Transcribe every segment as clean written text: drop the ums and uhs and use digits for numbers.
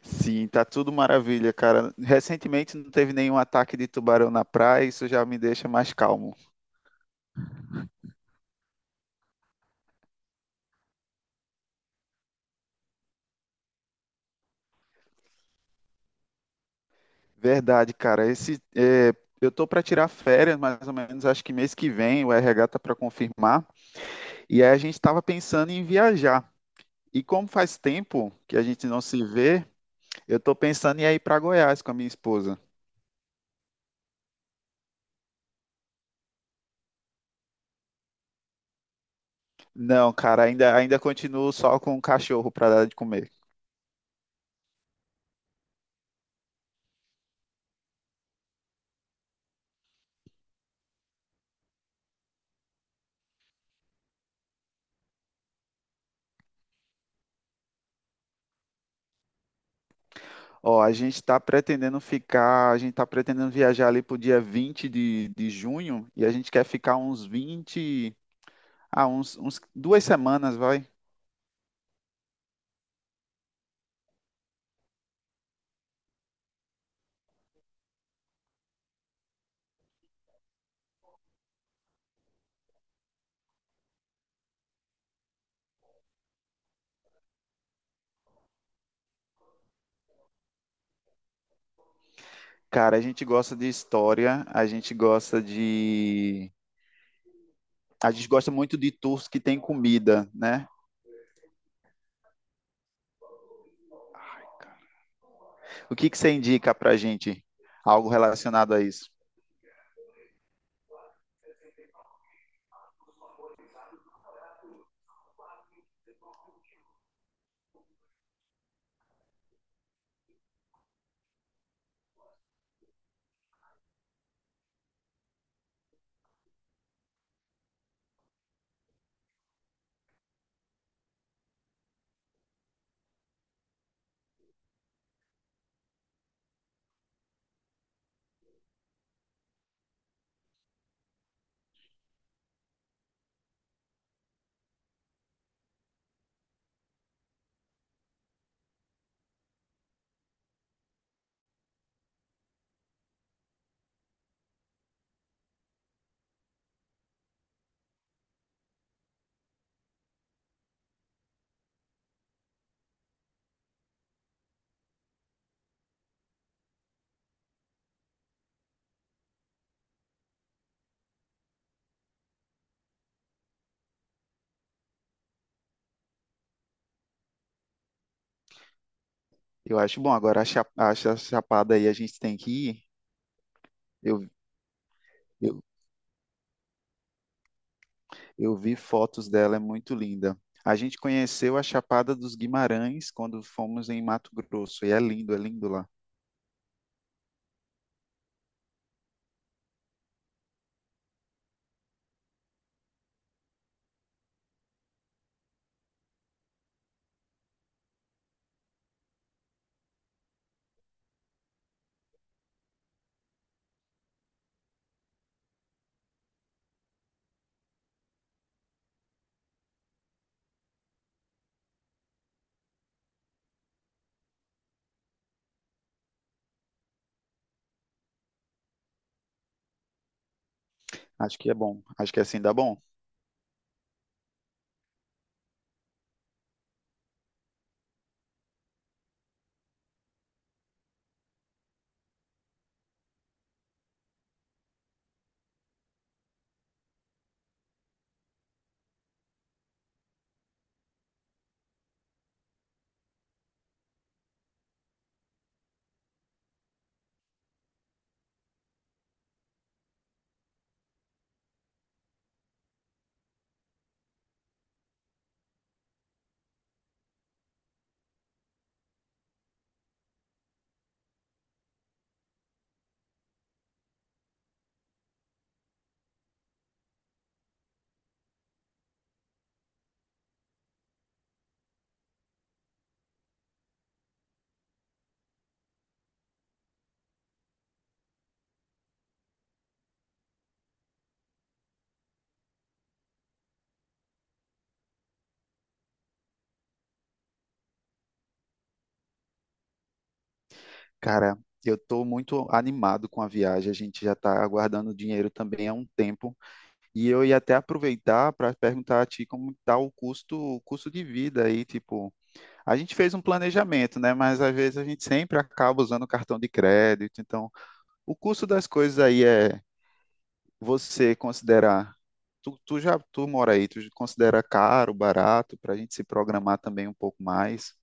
Sim, tá tudo maravilha, cara. Recentemente não teve nenhum ataque de tubarão na praia, isso já me deixa mais calmo. Verdade, cara. Eu tô para tirar férias, mais ou menos, acho que mês que vem, o RH tá para confirmar. E aí a gente tava pensando em viajar. E como faz tempo que a gente não se vê, eu tô pensando em ir para Goiás com a minha esposa. Não, cara, ainda continuo só com o cachorro para dar de comer. Ó, a gente está pretendendo viajar ali pro dia 20 de junho e a gente quer ficar uns 2 semanas, vai. Cara, a gente gosta de história, a gente gosta muito de tours que tem comida, né? O que que você indica pra gente? Algo relacionado a isso? Eu acho bom, agora Chapada aí a gente tem que ir. Eu, Eu vi fotos dela, é muito linda. A gente conheceu a Chapada dos Guimarães quando fomos em Mato Grosso, e é lindo lá. Acho que é bom, acho que assim dá bom. Cara, eu estou muito animado com a viagem, a gente já está aguardando o dinheiro também há um tempo, e eu ia até aproveitar para perguntar a ti como está o custo de vida aí, tipo, a gente fez um planejamento, né, mas às vezes a gente sempre acaba usando cartão de crédito, então o custo das coisas aí é você considerar, tu mora aí, tu considera caro, barato, para a gente se programar também um pouco mais.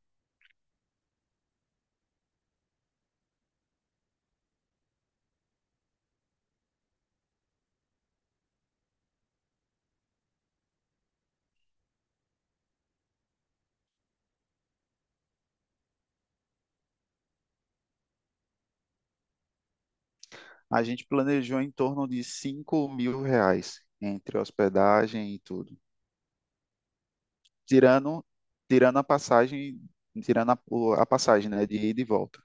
A gente planejou em torno de R$ 5.000 entre hospedagem e tudo, tirando tirando a passagem, tirando a passagem, né, de ida e volta.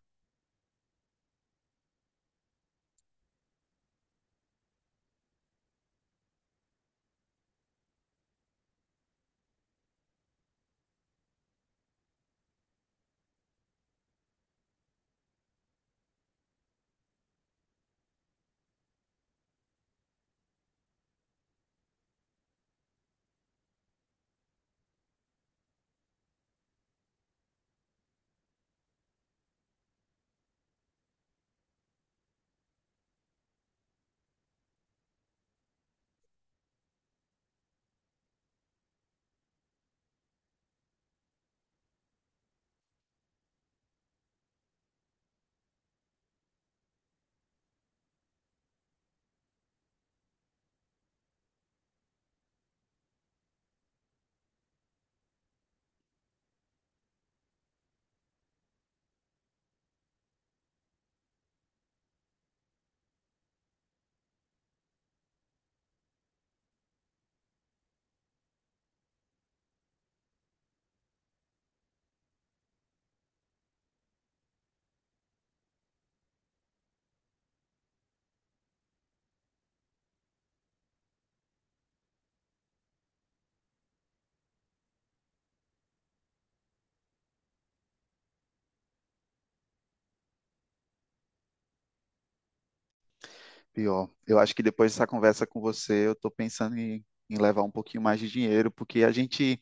Pior, eu acho que depois dessa conversa com você, eu estou pensando em, em levar um pouquinho mais de dinheiro, porque a gente,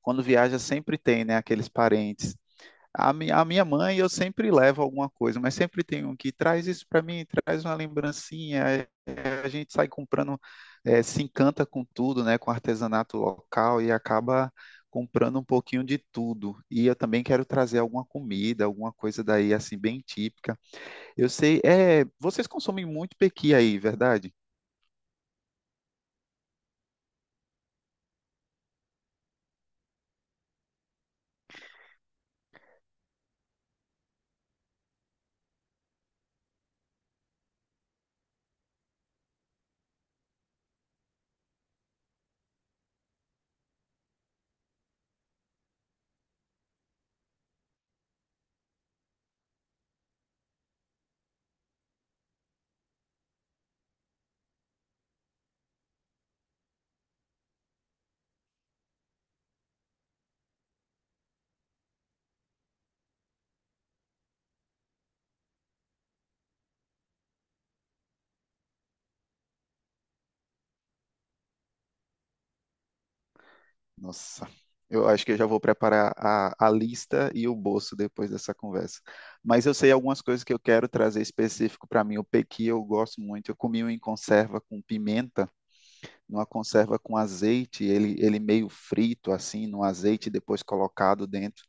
quando viaja, sempre tem, né, aqueles parentes. A minha mãe, eu sempre levo alguma coisa, mas sempre tem um que traz isso para mim, traz uma lembrancinha. A gente sai comprando, se encanta com tudo, né, com artesanato local e acaba comprando um pouquinho de tudo. E eu também quero trazer alguma comida, alguma coisa daí assim bem típica. Eu sei, é, vocês consomem muito pequi aí, verdade? Nossa, eu acho que eu já vou preparar a lista e o bolso depois dessa conversa. Mas eu sei algumas coisas que eu quero trazer específico para mim. O pequi eu gosto muito. Eu comi um em conserva com pimenta, numa conserva com azeite, ele meio frito assim, no azeite depois colocado dentro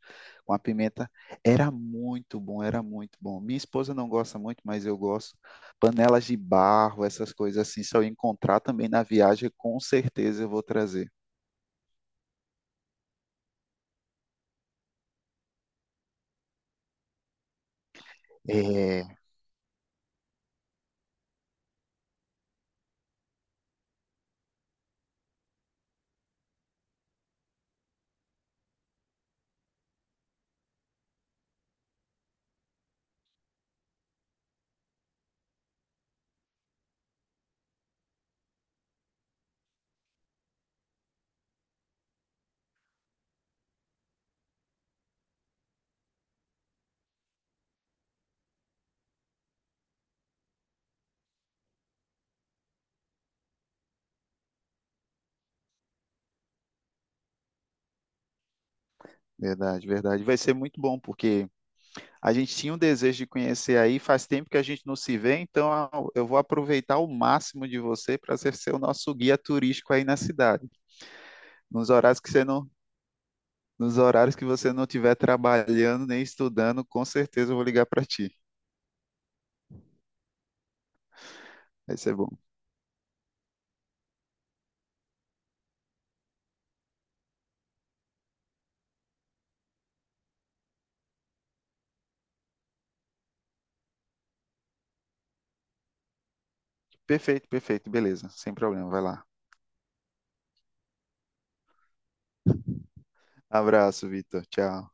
com a pimenta. Era muito bom, era muito bom. Minha esposa não gosta muito, mas eu gosto. Panelas de barro, essas coisas assim, se eu encontrar também na viagem, com certeza eu vou trazer. É, verdade, verdade. Vai ser muito bom, porque a gente tinha um desejo de conhecer aí, faz tempo que a gente não se vê, então eu vou aproveitar o máximo de você para ser o nosso guia turístico aí na cidade. Nos horários que você não, nos horários que você não estiver trabalhando nem estudando, com certeza eu vou ligar para ti. Vai ser bom. Perfeito, perfeito, beleza, sem problema, vai lá. Abraço, Vitor. Tchau.